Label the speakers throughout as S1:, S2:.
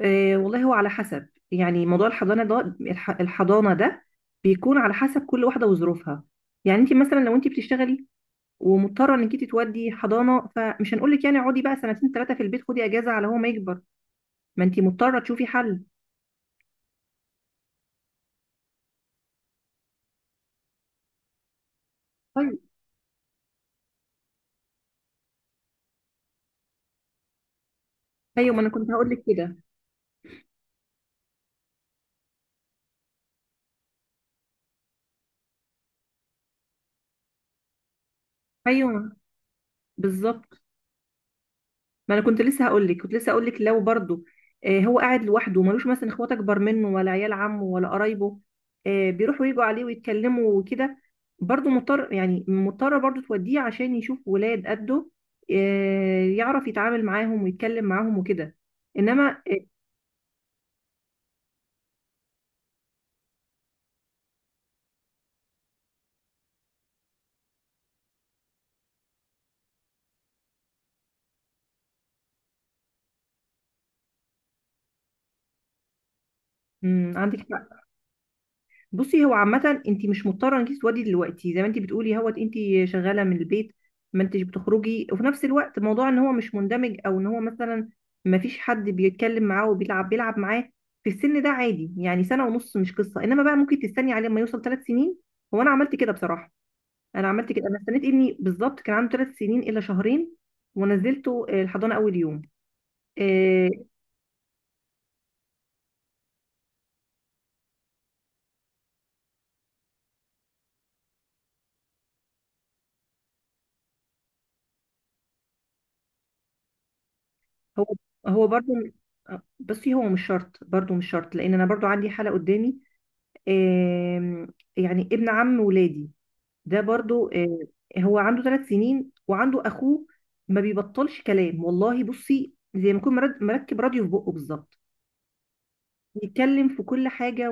S1: آه، والله هو على حسب. يعني موضوع الحضانه ده الحضانه ده بيكون على حسب كل واحده وظروفها. يعني انت مثلا لو انت بتشتغلي ومضطره انك انت تودي حضانه، فمش هنقول لك يعني اقعدي بقى سنتين ثلاثه في البيت، خدي اجازه على هو ما يكبر. ما انت مضطره تشوفي حل. طيب. ايوه، ما انا كنت هقول لك كده. ايوه، بالظبط. ما انا كنت لسه هقول لك لو برضه. هو قاعد لوحده وملوش مثلا اخوات اكبر منه ولا عيال عمه ولا قرايبه، بيروحوا يجوا عليه ويتكلموا وكده. برضه مضطر، يعني مضطره برضه توديه عشان يشوف ولاد قده، يعرف يتعامل معاهم ويتكلم معاهم وكده. انما مم، عندك حق. بصي هو عامة انت مش مضطرة انك تسودي دلوقتي، زي ما انت بتقولي هوت انت شغالة من البيت، ما انتش بتخرجي. وفي نفس الوقت موضوع ان هو مش مندمج او ان هو مثلا ما فيش حد بيتكلم معاه وبيلعب بيلعب معاه، في السن ده عادي. يعني سنة ونص مش قصة، انما بقى ممكن تستني عليه لما يوصل 3 سنين. هو انا عملت كده بصراحة، انا عملت كده، انا استنيت ابني بالظبط كان عنده 3 سنين الا شهرين ونزلته الحضانة اول يوم. آه، هو هو برضو. بصي هو مش شرط، برضو مش شرط، لان انا برضو عندي حالة قدامي. آم، يعني ابن عم ولادي ده برضو، هو عنده 3 سنين وعنده اخوه ما بيبطلش كلام والله. بصي زي ما يكون مركب راديو في بقه بالظبط، يتكلم في كل حاجه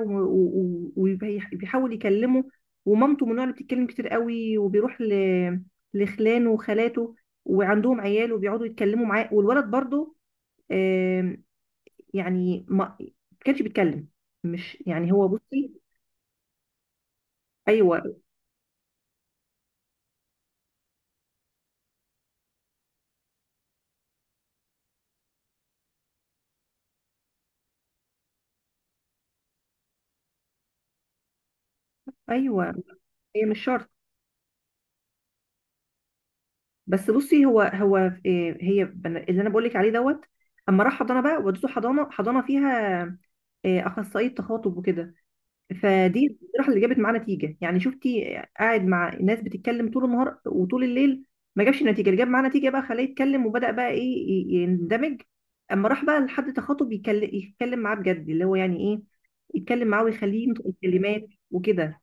S1: وبيحاول يكلمه. ومامته من النوع اللي بتتكلم كتير قوي، وبيروح لخلانه وخالاته وعندهم عيال وبيقعدوا يتكلموا معاه، والولد برضو آم، يعني ما كانش بيتكلم. مش يعني هو. بصي. ايوه. ايوه، هي مش شرط. بس بصي هو إيه، هي اللي انا بقول لك عليه دوت، اما راح حضانه بقى، ودته حضانه فيها إيه، اخصائيه تخاطب وكده، فدي الصراحه اللي جابت معاه نتيجه. يعني شفتي، قاعد مع ناس بتتكلم طول النهار وطول الليل ما جابش نتيجه، اللي جاب معاه نتيجه بقى خلاه يتكلم وبدا بقى ايه يندمج. اما راح بقى لحد تخاطب يتكلم معاه بجد، اللي هو يعني ايه، يتكلم معاه ويخليه ينطق الكلمات وكده.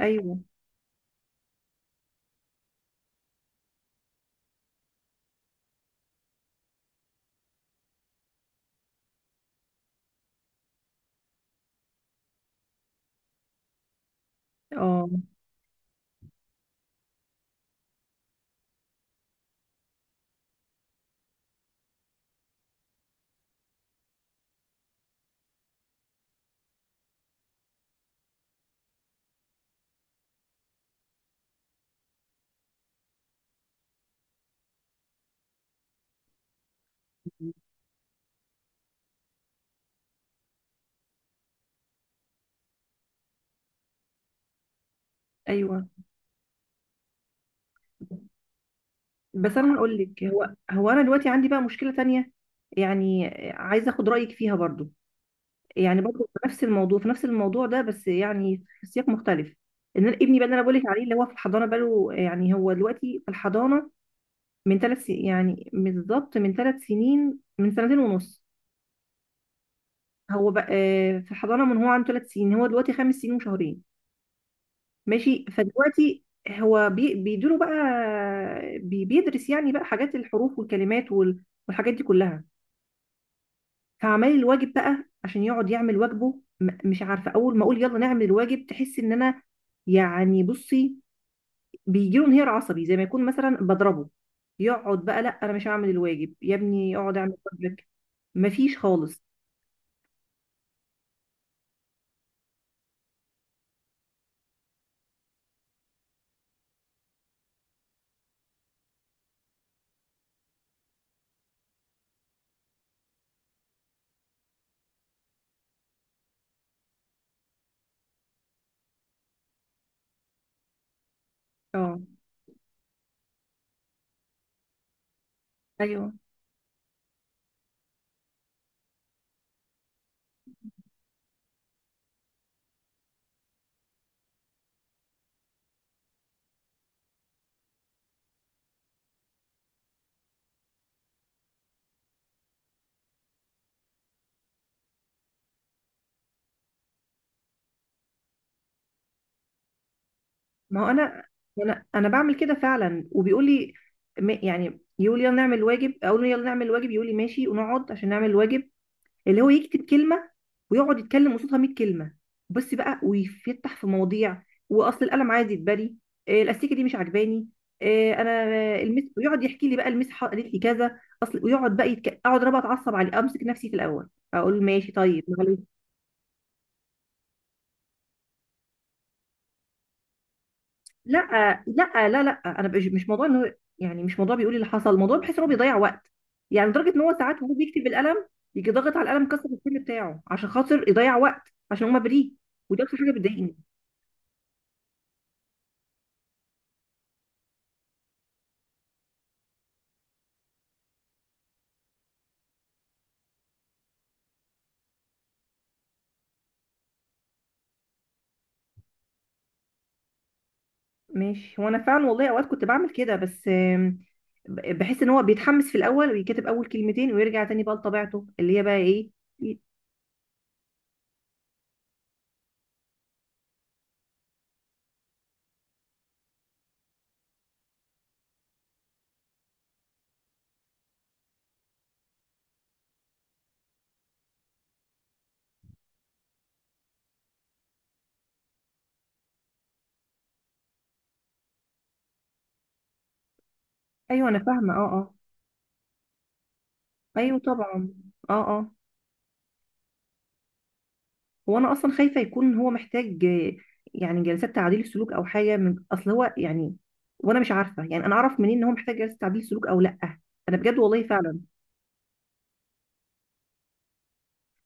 S1: ايوه. اه. ايوه. بس انا هقول لك هو انا دلوقتي عندي بقى مشكله تانية، يعني عايزه اخد رايك فيها برضو. يعني برضو في نفس الموضوع ده، بس يعني في سياق مختلف. ان أنا ابني بقى اللي انا بقول لك عليه، اللي هو في الحضانه بقى له، يعني هو دلوقتي في الحضانه من ثلاث يعني، بالظبط من 3 سنين، من سنتين ونص. هو بقى في الحضانه من هو عنده 3 سنين، هو دلوقتي 5 سنين وشهرين، ماشي. فدلوقتي هو بيدوله بقى، بيدرس يعني بقى حاجات الحروف والكلمات والحاجات دي كلها. فعمال الواجب بقى عشان يقعد يعمل واجبه، مش عارفه، اول ما اقول يلا نعمل الواجب تحس ان انا، يعني بصي، بيجيله انهيار عصبي زي ما يكون مثلا بضربه. يقعد بقى، لا انا مش هعمل الواجب يا ابني اقعد اعمل واجبك، مفيش خالص. اه. ايوه. ما هو انا بعمل كده فعلا وبيقول لي، يعني يقول يلا نعمل الواجب، اقول له يلا نعمل الواجب، يقول لي ماشي، ونقعد عشان نعمل الواجب، اللي هو يكتب كلمه ويقعد يتكلم قصادها 100 كلمه بس بقى، ويفتح في مواضيع، واصل القلم عايز يتبري، إيه الاستيكه دي مش عجباني، إيه، انا المس، ويقعد يحكي لي بقى المس قالت لي كذا، اصل ويقعد بقى اقعد انا بقى اتعصب عليه، امسك نفسي في الاول، اقول ماشي طيب معلش. لا لا لا لا. انا مش موضوع انه، يعني مش موضوع بيقول لي اللي حصل، الموضوع بحس ان هو بيضيع وقت. يعني لدرجه ان هو ساعات وهو بيكتب بالقلم يجي ضاغط على القلم كسر الفيلم بتاعه عشان خاطر يضيع وقت، عشان هو بريء. وده اكتر حاجه بتضايقني. ماشي، وانا فعلا والله اوقات كنت بعمل كده، بس بحس ان هو بيتحمس في الاول ويكتب اول كلمتين ويرجع تاني بقى لطبيعته اللي هي بقى ايه ي- ايوه انا فاهمه. اه. اه. ايوه طبعا. اه. اه. هو انا اصلا خايفه يكون هو محتاج يعني جلسات تعديل سلوك او حاجه من اصل هو يعني، وانا مش عارفه يعني انا اعرف منين ان هو محتاج جلسه تعديل سلوك او لا. انا بجد والله فعلا.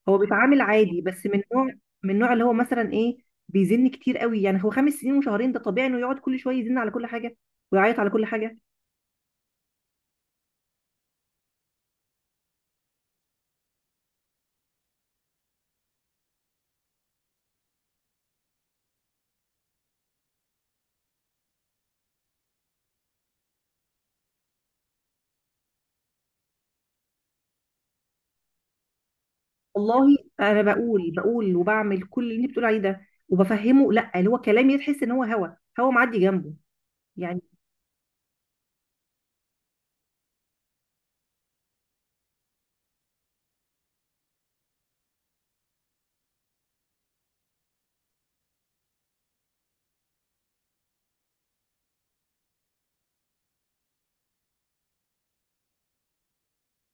S1: هو بيتعامل عادي بس من نوع، من نوع اللي هو مثلا ايه، بيزن كتير قوي. يعني هو 5 سنين وشهرين ده طبيعي انه يقعد كل شويه يزن على كل حاجه ويعيط على كل حاجه. والله انا بقول وبعمل كل اللي انت بتقول عليه ده، وبفهمه. لا، اللي هو كلامي تحس ان هو هوا معدي جنبه يعني.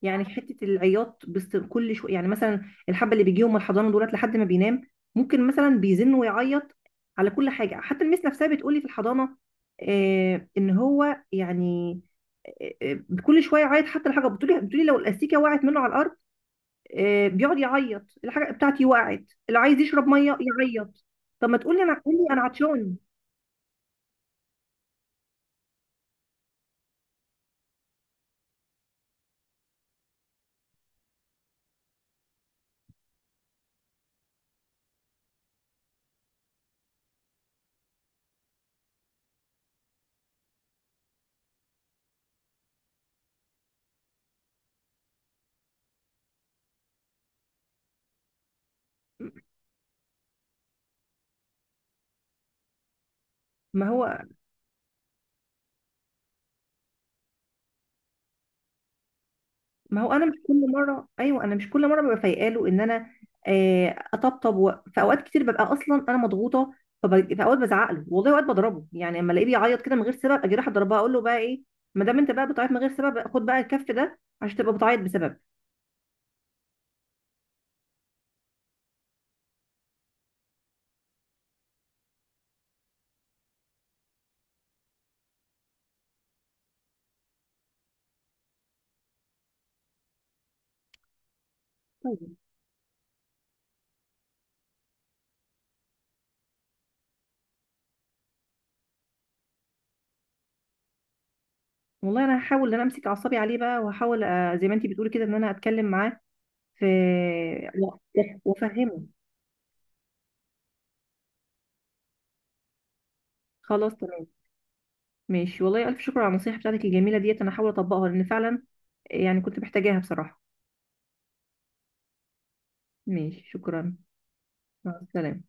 S1: حته العياط بس كل شويه، يعني مثلا الحبه اللي بيجيهم من الحضانه دولت لحد ما بينام، ممكن مثلا بيزن ويعيط على كل حاجه. حتى المس نفسها بتقولي في الحضانه ان هو يعني، كل شويه يعيط. حتى الحاجه بتقولي لو الاستيكه وقعت منه على الارض، بيقعد يعيط الحاجه بتاعتي وقعت، اللي عايز يشرب ميه يعيط. طب ما تقولي، انا قولي انا عطشان. ما هو ما هو انا مش كل مره، ايوه انا مش كل مره ببقى فايقه له ان انا اطبطب في اوقات كتير ببقى اصلا انا مضغوطه. في اوقات بزعق له، والله اوقات بضربه يعني، اما الاقيه بيعيط كده من غير سبب اجي رايح اضربها، اقول له بقى ايه، ما دام انت بقى بتعيط من غير سبب خد بقى الكف ده عشان تبقى بتعيط بسبب. والله انا هحاول ان انا امسك اعصابي عليه بقى، وهحاول زي ما انتي بتقولي كده ان انا اتكلم معاه في، وافهمه. خلاص تمام. ماشي، والله الف شكر على النصيحه بتاعتك الجميله ديت، انا هحاول اطبقها لان فعلا يعني كنت محتاجاها بصراحه. ماشي شكرا. مع السلامه.